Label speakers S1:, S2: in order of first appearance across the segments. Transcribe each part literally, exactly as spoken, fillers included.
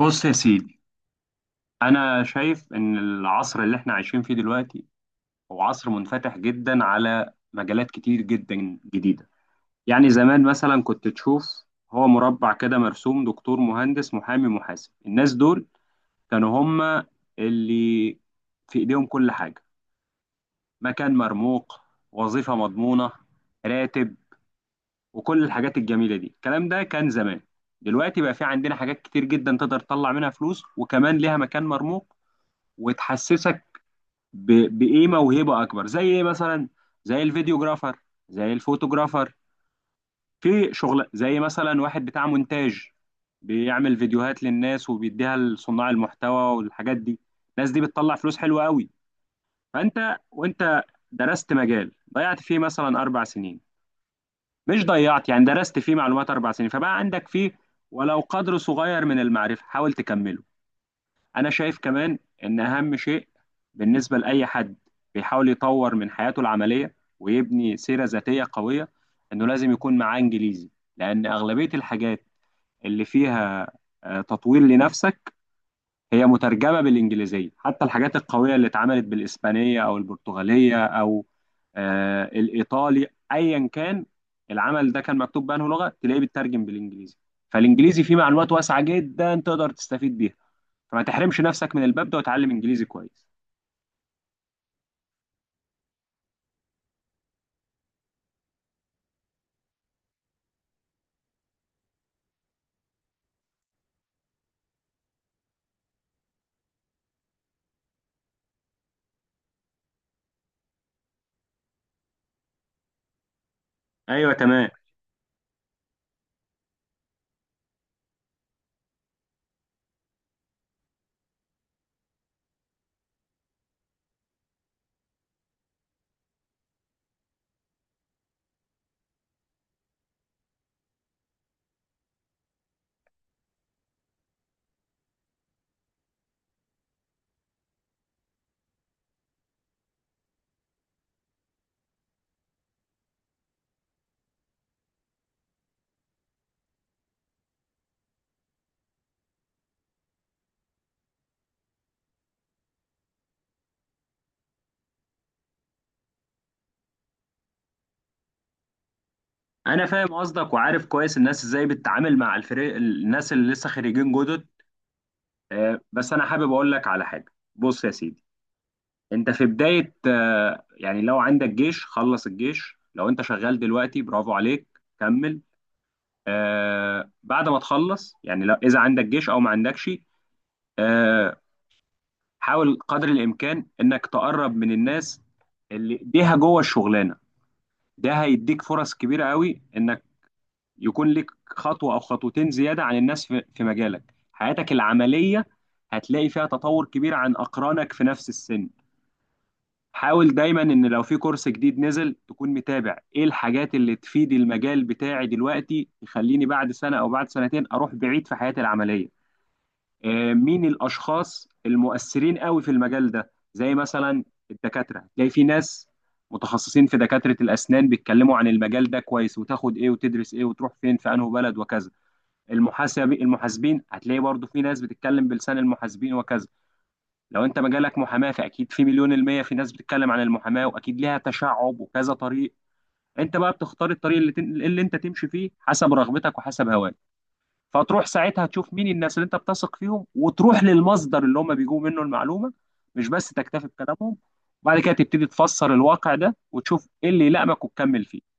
S1: بص يا سيدي، أنا شايف إن العصر اللي إحنا عايشين فيه دلوقتي هو عصر منفتح جدا على مجالات كتير جدا جديدة. يعني زمان مثلا كنت تشوف، هو مربع كده مرسوم: دكتور، مهندس، محامي، محاسب. الناس دول كانوا هم اللي في إيديهم كل حاجة، مكان مرموق، وظيفة مضمونة، راتب، وكل الحاجات الجميلة دي. الكلام ده كان زمان. دلوقتي بقى في عندنا حاجات كتير جدا تقدر تطلع منها فلوس، وكمان ليها مكان مرموق، وتحسسك ب... بايه موهبه اكبر. زي ايه مثلا؟ زي الفيديوجرافر، زي الفوتوجرافر. في شغل زي مثلا واحد بتاع مونتاج، بيعمل فيديوهات للناس وبيديها لصناع المحتوى والحاجات دي. الناس دي بتطلع فلوس حلوة قوي. فانت وانت درست مجال ضيعت فيه مثلا اربع سنين، مش ضيعت، يعني درست فيه معلومات اربع سنين، فبقى عندك فيه ولو قدر صغير من المعرفة. حاول تكمله. انا شايف كمان ان اهم شيء بالنسبه لاي حد بيحاول يطور من حياته العمليه ويبني سيره ذاتيه قويه، انه لازم يكون معاه انجليزي. لان اغلبيه الحاجات اللي فيها آه، تطوير لنفسك هي مترجمه بالانجليزيه. حتى الحاجات القويه اللي اتعملت بالاسبانيه او البرتغاليه او آه، الايطالي، ايا كان العمل ده كان مكتوب بأنه لغه، تلاقيه بيترجم بالانجليزي. فالانجليزي فيه معلومات واسعه جدا تقدر تستفيد بيها. فما تحرمش نفسك من الباب ده، وتعلم انجليزي كويس. ايوه، تمام. انا فاهم قصدك وعارف كويس الناس ازاي بتتعامل مع الفريق، الناس اللي لسه خريجين جدد. آه، بس انا حابب اقول لك على حاجه. بص يا سيدي، انت في بدايه. آه، يعني لو عندك جيش، خلص الجيش. لو انت شغال دلوقتي، برافو عليك، كمل. آه، بعد ما تخلص، يعني لو اذا عندك جيش او ما عندكش، آه، حاول قدر الامكان انك تقرب من الناس اللي ايديها جوه الشغلانه. ده هيديك فرص كبيرة قوي انك يكون لك خطوة او خطوتين زيادة عن الناس في في مجالك. حياتك العملية هتلاقي فيها تطور كبير عن اقرانك في نفس السن. حاول دايما ان لو في كورس جديد نزل تكون متابع ايه الحاجات اللي تفيد المجال بتاعي دلوقتي، تخليني بعد سنة او بعد سنتين اروح بعيد في حياتي العملية. آه، مين الاشخاص المؤثرين قوي في المجال ده؟ زي مثلا الدكاتره، تلاقي في ناس متخصصين في دكاتره الاسنان بيتكلموا عن المجال ده كويس، وتاخد ايه وتدرس ايه وتروح فين في انه بلد وكذا. المحاسب، المحاسبين هتلاقي برضو في ناس بتتكلم بلسان المحاسبين وكذا. لو انت مجالك محاماه، فاكيد في مليون المية في ناس بتتكلم عن المحاماه، واكيد ليها تشعب وكذا طريق. انت بقى بتختار الطريق اللي, تن... اللي انت تمشي فيه حسب رغبتك وحسب هواك. فتروح ساعتها تشوف مين الناس اللي انت بتثق فيهم، وتروح للمصدر اللي هم بيجوا منه المعلومه. مش بس تكتفي بكلامهم، وبعد كده تبتدي تفسر الواقع ده وتشوف ايه اللي يلائمك وتكمل فيه.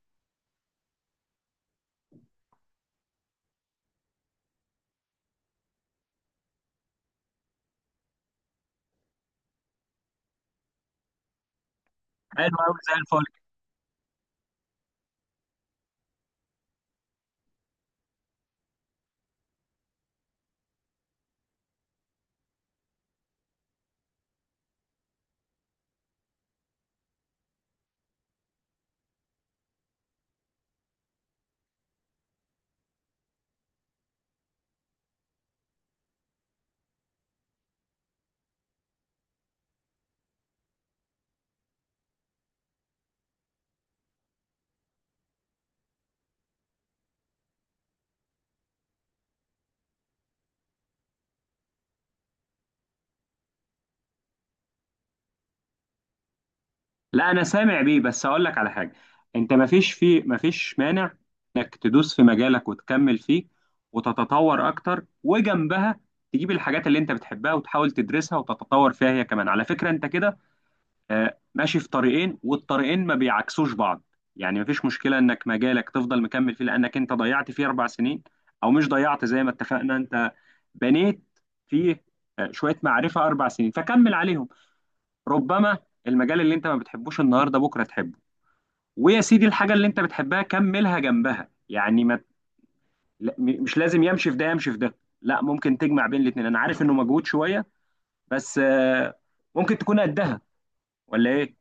S1: حلو قوي، زي الفل. لا، انا سامع بيه، بس اقول لك على حاجه. انت ما فيش في ما فيش مانع انك تدوس في مجالك وتكمل فيه وتتطور اكتر، وجنبها تجيب الحاجات اللي انت بتحبها وتحاول تدرسها وتتطور فيها هي كمان. على فكره انت كده آه، ماشي في طريقين، والطريقين ما بيعكسوش بعض. يعني مفيش مشكلة انك مجالك تفضل مكمل فيه لانك انت ضيعت فيه اربع سنين، او مش ضيعت زي ما اتفقنا. انت بنيت فيه آه، شوية معرفة اربع سنين، فكمل عليهم. ربما المجال اللي انت ما بتحبوش النهاردة بكرة تحبه. ويا سيدي، الحاجة اللي انت بتحبها كملها جنبها. يعني ما، لا، م- مش لازم يمشي في ده يمشي في ده. لا، ممكن تجمع بين الاتنين. انا عارف انه مجهود شوية، بس آه، ممكن تكون قدها، ولا ايه؟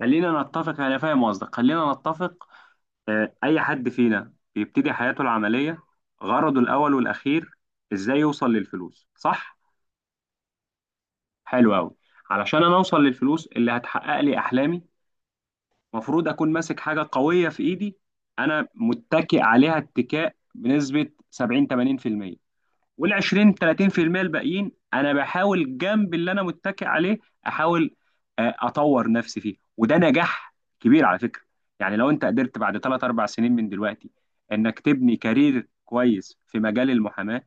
S1: خلينا نتفق، انا فاهم قصدك. خلينا نتفق، آه، اي حد فينا بيبتدي حياته العمليه، غرضه الاول والاخير ازاي يوصل للفلوس، صح؟ حلو قوي. علشان انا اوصل للفلوس اللي هتحقق لي احلامي، المفروض اكون ماسك حاجه قويه في ايدي انا متكئ عليها اتكاء بنسبه سبعين ثمانين في المية، وال عشرين ثلاثين بالمية الباقيين انا بحاول جنب اللي انا متكئ عليه، احاول آه، اطور نفسي فيه. وده نجاح كبير على فكره. يعني لو انت قدرت بعد ثلاث اربع سنين من دلوقتي انك تبني كارير كويس في مجال المحاماه،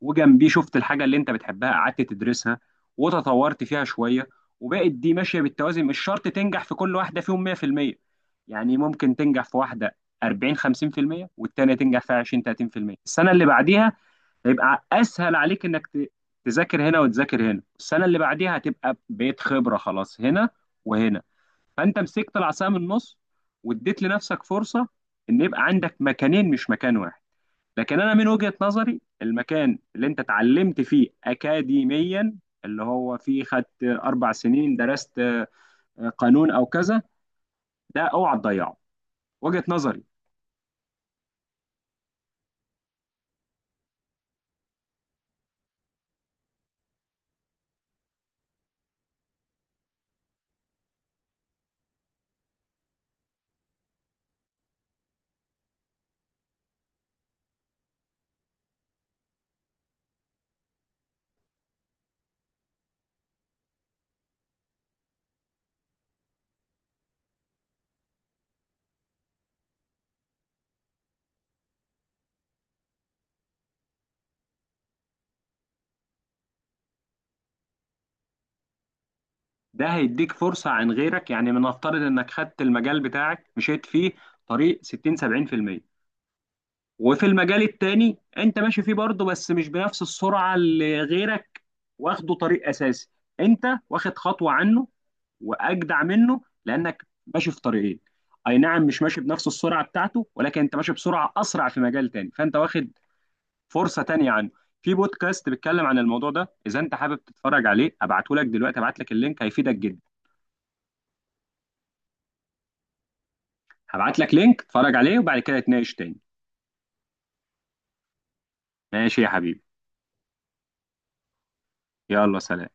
S1: وجنبيه شفت الحاجه اللي انت بتحبها قعدت تدرسها وتطورت فيها شويه، وبقت دي ماشيه بالتوازي. مش شرط تنجح في كل واحده فيهم مية بالمية. يعني ممكن تنجح في واحده اربعين خمسين بالمية، والتانيه تنجح فيها عشرين ثلاثين بالمية. السنه اللي بعديها هيبقى اسهل عليك انك ت- تذاكر هنا وتذاكر هنا. السنه اللي بعديها هتبقى بقيت خبره خلاص هنا وهنا. فانت مسكت العصا من النص، واديت لنفسك فرصه ان يبقى عندك مكانين مش مكان واحد. لكن انا من وجهه نظري، المكان اللي انت اتعلمت فيه اكاديميا، اللي هو فيه خدت اربع سنين درست آه، قانون او كذا، ده اوعى تضيعه. وجهه نظري. ده هيديك فرصة عن غيرك. يعني من نفترض انك خدت المجال بتاعك مشيت فيه طريق ستين سبعين بالمية، وفي المجال التاني انت ماشي فيه برضه بس مش بنفس السرعة اللي غيرك واخده طريق اساسي. انت واخد خطوة عنه واجدع منه لانك ماشي في طريقين. اي نعم مش ماشي بنفس السرعة بتاعته، ولكن انت ماشي بسرعة اسرع في مجال تاني، فانت واخد فرصة تانية عنه. في بودكاست بيتكلم عن الموضوع ده، اذا انت حابب تتفرج عليه ابعته لك دلوقتي. ابعت لك اللينك هيفيدك جدا. هبعت لك لينك اتفرج عليه، وبعد كده نتناقش تاني. ماشي يا حبيبي، يلا سلام.